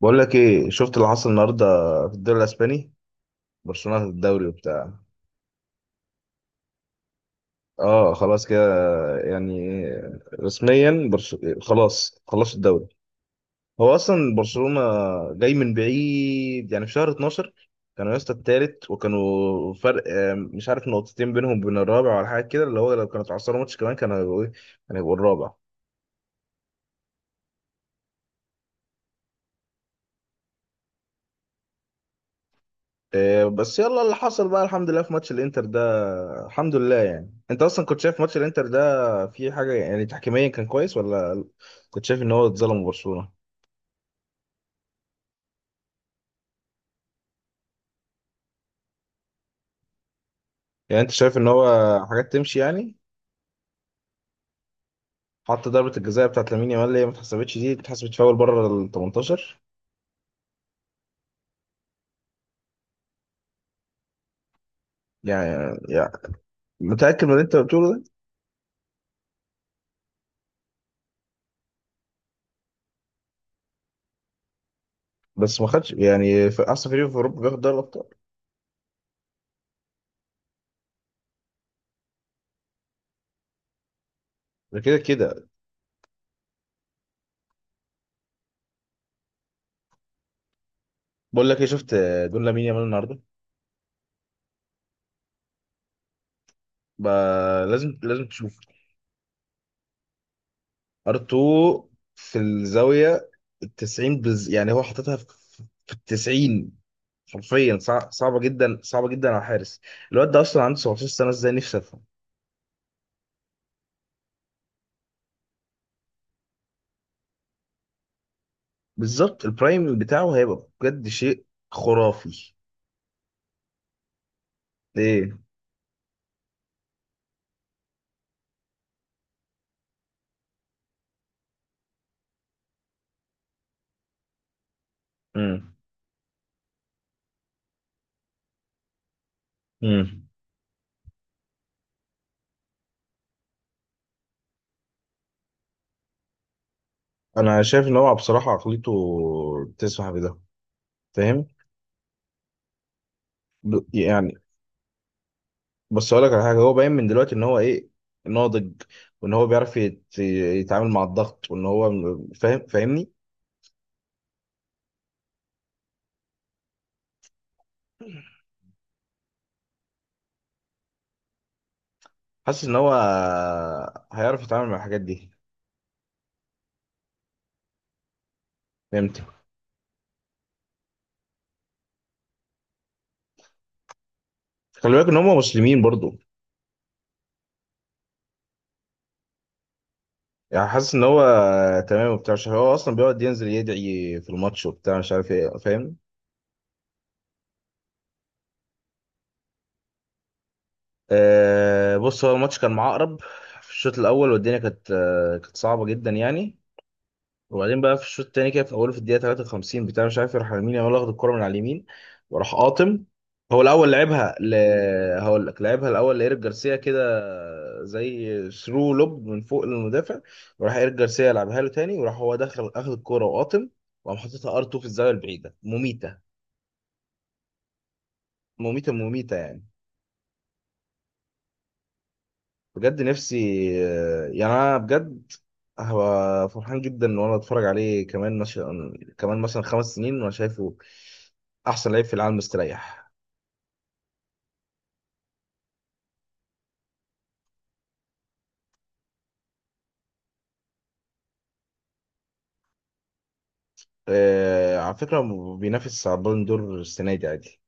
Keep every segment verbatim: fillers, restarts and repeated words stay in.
بقول لك ايه؟ شفت اللي حصل النهارده في الدوري الاسباني؟ برشلونه في الدوري وبتاع. اه، خلاص كده يعني، رسميا برش... خلاص خلاص الدوري. هو اصلا برشلونه جاي من بعيد، يعني في شهر اثنا عشر كانوا يا اسطى التالت، وكانوا فرق آه، مش عارف نقطتين بينهم وبين الرابع ولا حاجه كده، اللي هو لو كانوا اتعثروا ماتش كمان كانوا هيبقوا ايه، كانوا هيبقوا الرابع. إيه، بس يلا، اللي حصل بقى الحمد لله في ماتش الانتر ده. الحمد لله، يعني انت اصلا كنت شايف ماتش الانتر ده، في حاجه يعني تحكيميا كان كويس، ولا كنت شايف ان هو اتظلم برشلونه؟ يعني انت شايف ان هو حاجات تمشي يعني. حتى ضربه الجزاء بتاعت لامين يامال اللي هي ما اتحسبتش، دي اتحسبت فاول بره ال تمنتاشر. يعني يعني متاكد من اللي انت بتقوله ده؟ بس ما خدش، يعني في احسن فريق في اوروبا بياخد دوري الابطال؟ ده كده كده. بقول لك ايه؟ شفت جون لامين يامال النهارده؟ بقى لازم لازم. ار2 في الزاويه التسعين بز... يعني هو حاططها في في التسعين. حرفيا، صع... صعبه جدا صعبه جدا على الحارس. الواد ده اصلا عنده سبعة عشر سنه، ازاي؟ نفسي افهم. بالظبط، البرايم بتاعه هيبقى بجد شيء خرافي. ايه. امم. امم. انا شايف ان هو بصراحه عقليته تسمح بده. فاهم. ب... يعني. بس اقول لك على حاجه، هو باين من دلوقتي ان هو ايه، ناضج. وان هو بيعرف يت... يتعامل مع الضغط، وان هو م- فاهم، فاهمني؟ حاسس ان هو هيعرف يتعامل مع الحاجات دي. فهمت. خلي بالك ان هم مسلمين برضو. يعني حاسس ان هو تمام وبتاع، عشان هو اصلا بيقعد ينزل يدعي في الماتش وبتاع، مش عارف ايه، فاهم؟ آه، بص، هو الماتش كان معقرب في الشوط الاول، والدنيا كانت آه كانت صعبه جدا يعني. وبعدين بقى في الشوط التاني كده، في اوله، في الدقيقه تلاتة وخمسين بتاع مش عارف، يروح لمين يامال واخد الكره من على اليمين. وراح قاطم. هو الاول لعبها ل... هقول لك، لعبها الاول لايريك جارسيا كده، زي ثرو لوب من فوق للمدافع. وراح ايريك جارسيا لعبها له تاني، وراح هو دخل اخد الكره وقاطم. وقام حاططها ار اتنين في الزاويه البعيده، مميته، مميته، مميته يعني بجد. نفسي، آه، يعني انا بجد هبقى فرحان جدا ان انا اتفرج عليه كمان مثلا، كمان مثلا خمس سنين وانا شايفه احسن لعيب في العالم مستريح. آه، على فكره، بينافس على البالون دور السنه دي عادي.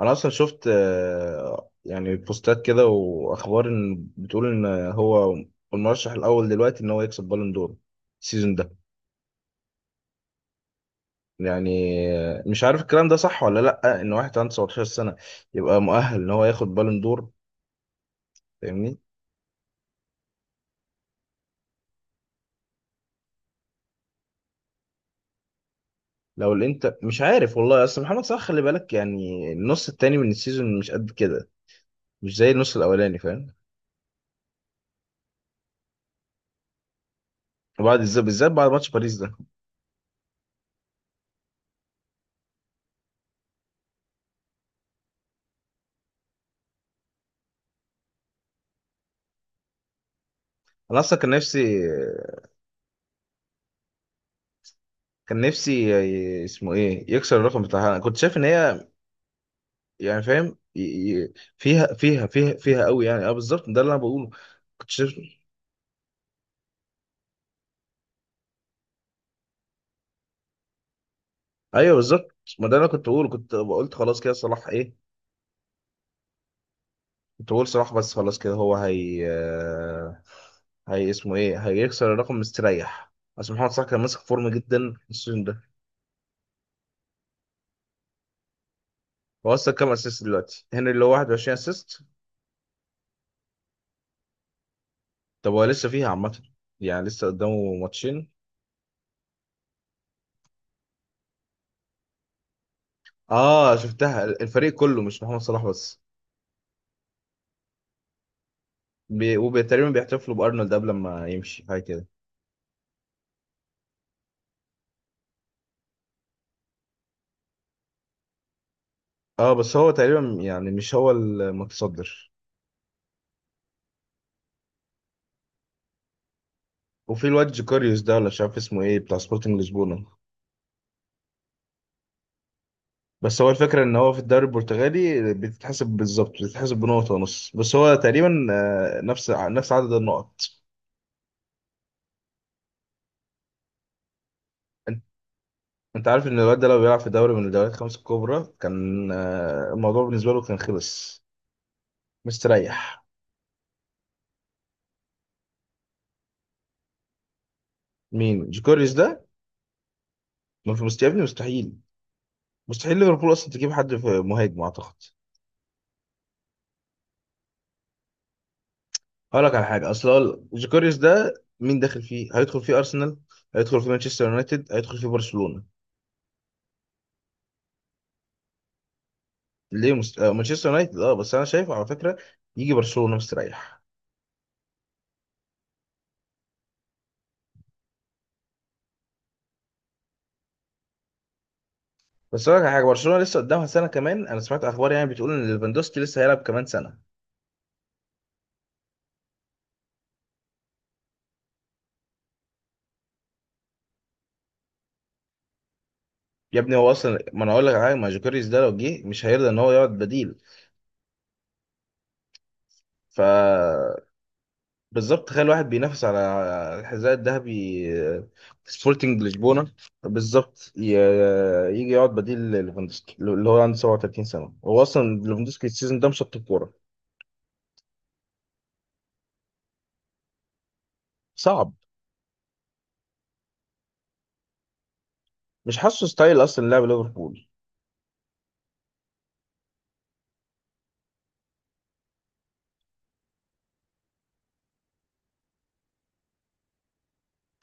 انا اصلا شفت آه، يعني بوستات كده واخبار، ان بتقول ان هو المرشح الاول دلوقتي ان هو يكسب بالون دور السيزون ده. يعني آه، مش عارف الكلام ده صح ولا لا، ان واحد عنده تسعة عشر سنه يبقى مؤهل ان هو ياخد بالون دور. فاهمني؟ لو الانتر، مش عارف والله. اصل محمد صلاح، خلي بالك، يعني النص التاني من السيزون مش قد كده، مش زي النص الاولاني، فاهم؟ وبعد، بالذات بالذات، بعد ماتش باريس ده. انا اصلا كان نفسي كان نفسي ي- اسمه ايه، يكسر الرقم بتاعها. انا كنت شايف ان هي، يعني فاهم، ي- ي- فيها فيها فيها فيها قوي يعني. اه بالظبط، ده اللي انا بقوله. كنت شايف. ايوه بالظبط، ما ده اللي انا كنت بقوله. كنت قلت خلاص كده، صلاح ايه. كنت بقول صلاح، بس خلاص كده، هو هي هي اسمه ايه، هيكسر الرقم مستريح. اصل محمد صلاح كان ماسك فورم جدا السيزون ده. هو اصلا كام اسيست دلوقتي؟ هنري اللي هو واحد وعشرين اسيست؟ طب هو لسه فيها عامه، يعني لسه قدامه ماتشين. اه، شفتها. الفريق كله مش محمد صلاح بس. بي... وتقريبا بيحتفلوا بارنولد قبل ما يمشي، حاجه كده. اه، بس هو تقريبا يعني مش هو المتصدر. وفي الواد جوكاريوس ده، ولا مش عارف اسمه ايه، بتاع سبورتنج لشبونه. بس هو الفكرة، إن هو في الدوري البرتغالي بتتحسب، بالظبط بتتحسب بنقطة ونص، بس هو تقريبا. آه، نفس نفس عدد النقط. أنت أنت عارف إن الواد ده لو بيلعب في دوري من الدوريات الخمس الكبرى كان آه، الموضوع بالنسبة له كان خلص. مستريح. مين جوكوريس ده؟ ما في مست- يا ابني، مستحيل. مستحيل ليفربول أصلا تجيب حد في مهاجم أعتقد. هقول لك على حاجة، أصل هو جوكوريس ده، مين داخل فيه؟ هيدخل فيه أرسنال، هيدخل فيه مانشستر يونايتد، هيدخل فيه برشلونة. ليه مست... آه، مانشستر يونايتد؟ اه، بس انا شايف على فكره يجي برشلونه مستريح. بس اقول لك على حاجه، برشلونه لسه قدامها سنه كمان. انا سمعت اخبار يعني بتقول ان ليفاندوسكي لسه هيلعب كمان سنه. يا ابني هو اصلا، ما انا اقول لك على حاجه، ما جوكيريز ده لو جه مش هيرضى ان هو يقعد بديل. ف. بالظبط، تخيل واحد بينافس على الحذاء الذهبي آه، سبورتنج لشبونه. بالظبط، ي- يجي يقعد بديل ليفاندوسكي اللي هو عنده سبعة وتلاتين سنه؟ هو اصلا ليفاندوسكي السيزون ده مشط الكوره. صعب. مش حاسه ستايل اصلا لعب ليفربول.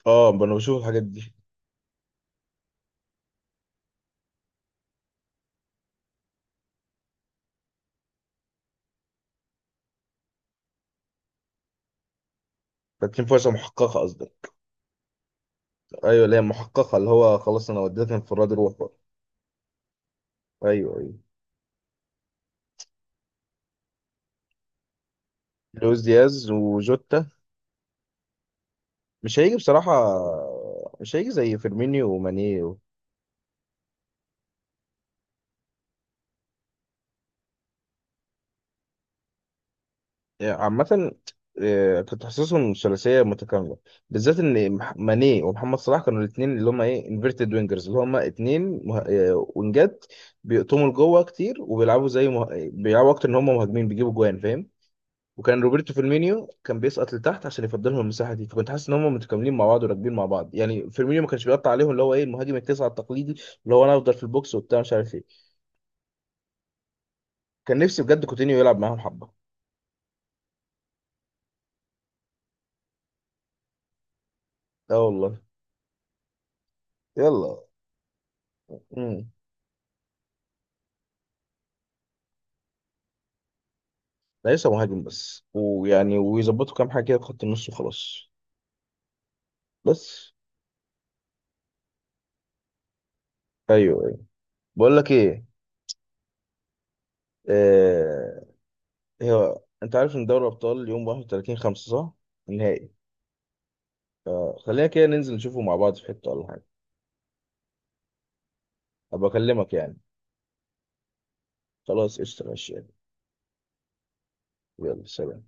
اه، ما انا بشوف الحاجات دي. تكليم، فرصه محققه قصدك؟ ايوه، اللي هي محققه، اللي هو خلاص انا وديتك انفراد، روح بقى. ايوه، ايوه. لويس دياز وجوتا مش هيجي بصراحه. مش هيجي زي فيرمينيو وماني و- يعني عامه. آه، كنت حاسسهم ثلاثيه متكامله. بالذات ان مح- ماني ومحمد صلاح كانوا الاثنين اللي هم ايه، انفيرتد وينجرز، اللي هم اثنين مه... آه، وينجات. بيقطموا لجوه كتير وبيلعبوا زي مه... بيلعبوا اكتر ان هم مهاجمين، بيجيبوا جوان، فاهم. وكان روبرتو فيرمينيو كان بيسقط لتحت عشان يفضل لهم المساحه دي، فكنت حاسس ان هم متكاملين مع بعض وراكبين مع بعض. يعني فيرمينيو ما كانش بيقطع عليهم اللي هو ايه، المهاجم التسعه التقليدي. اللي هو انا افضل في البوكس وبتاع، مش عارف ايه. كان نفسي بجد كوتينيو يلعب معاهم حبه. اه والله. يلا. امم. ليس مهاجم بس، ويعني ويظبطوا كام حاجه كده في خط النص وخلاص. بس. ايوه، ايوه. بقول لك ايه؟ آه... هي... انت عارف ان دوري الابطال يوم واحد وثلاثين خمسة صح؟ النهائي. آه... خلينا كده ننزل نشوفه مع بعض في حته ولا حاجه. ابقى اكلمك يعني. خلاص قشطة ماشي يعني. يلا سلام.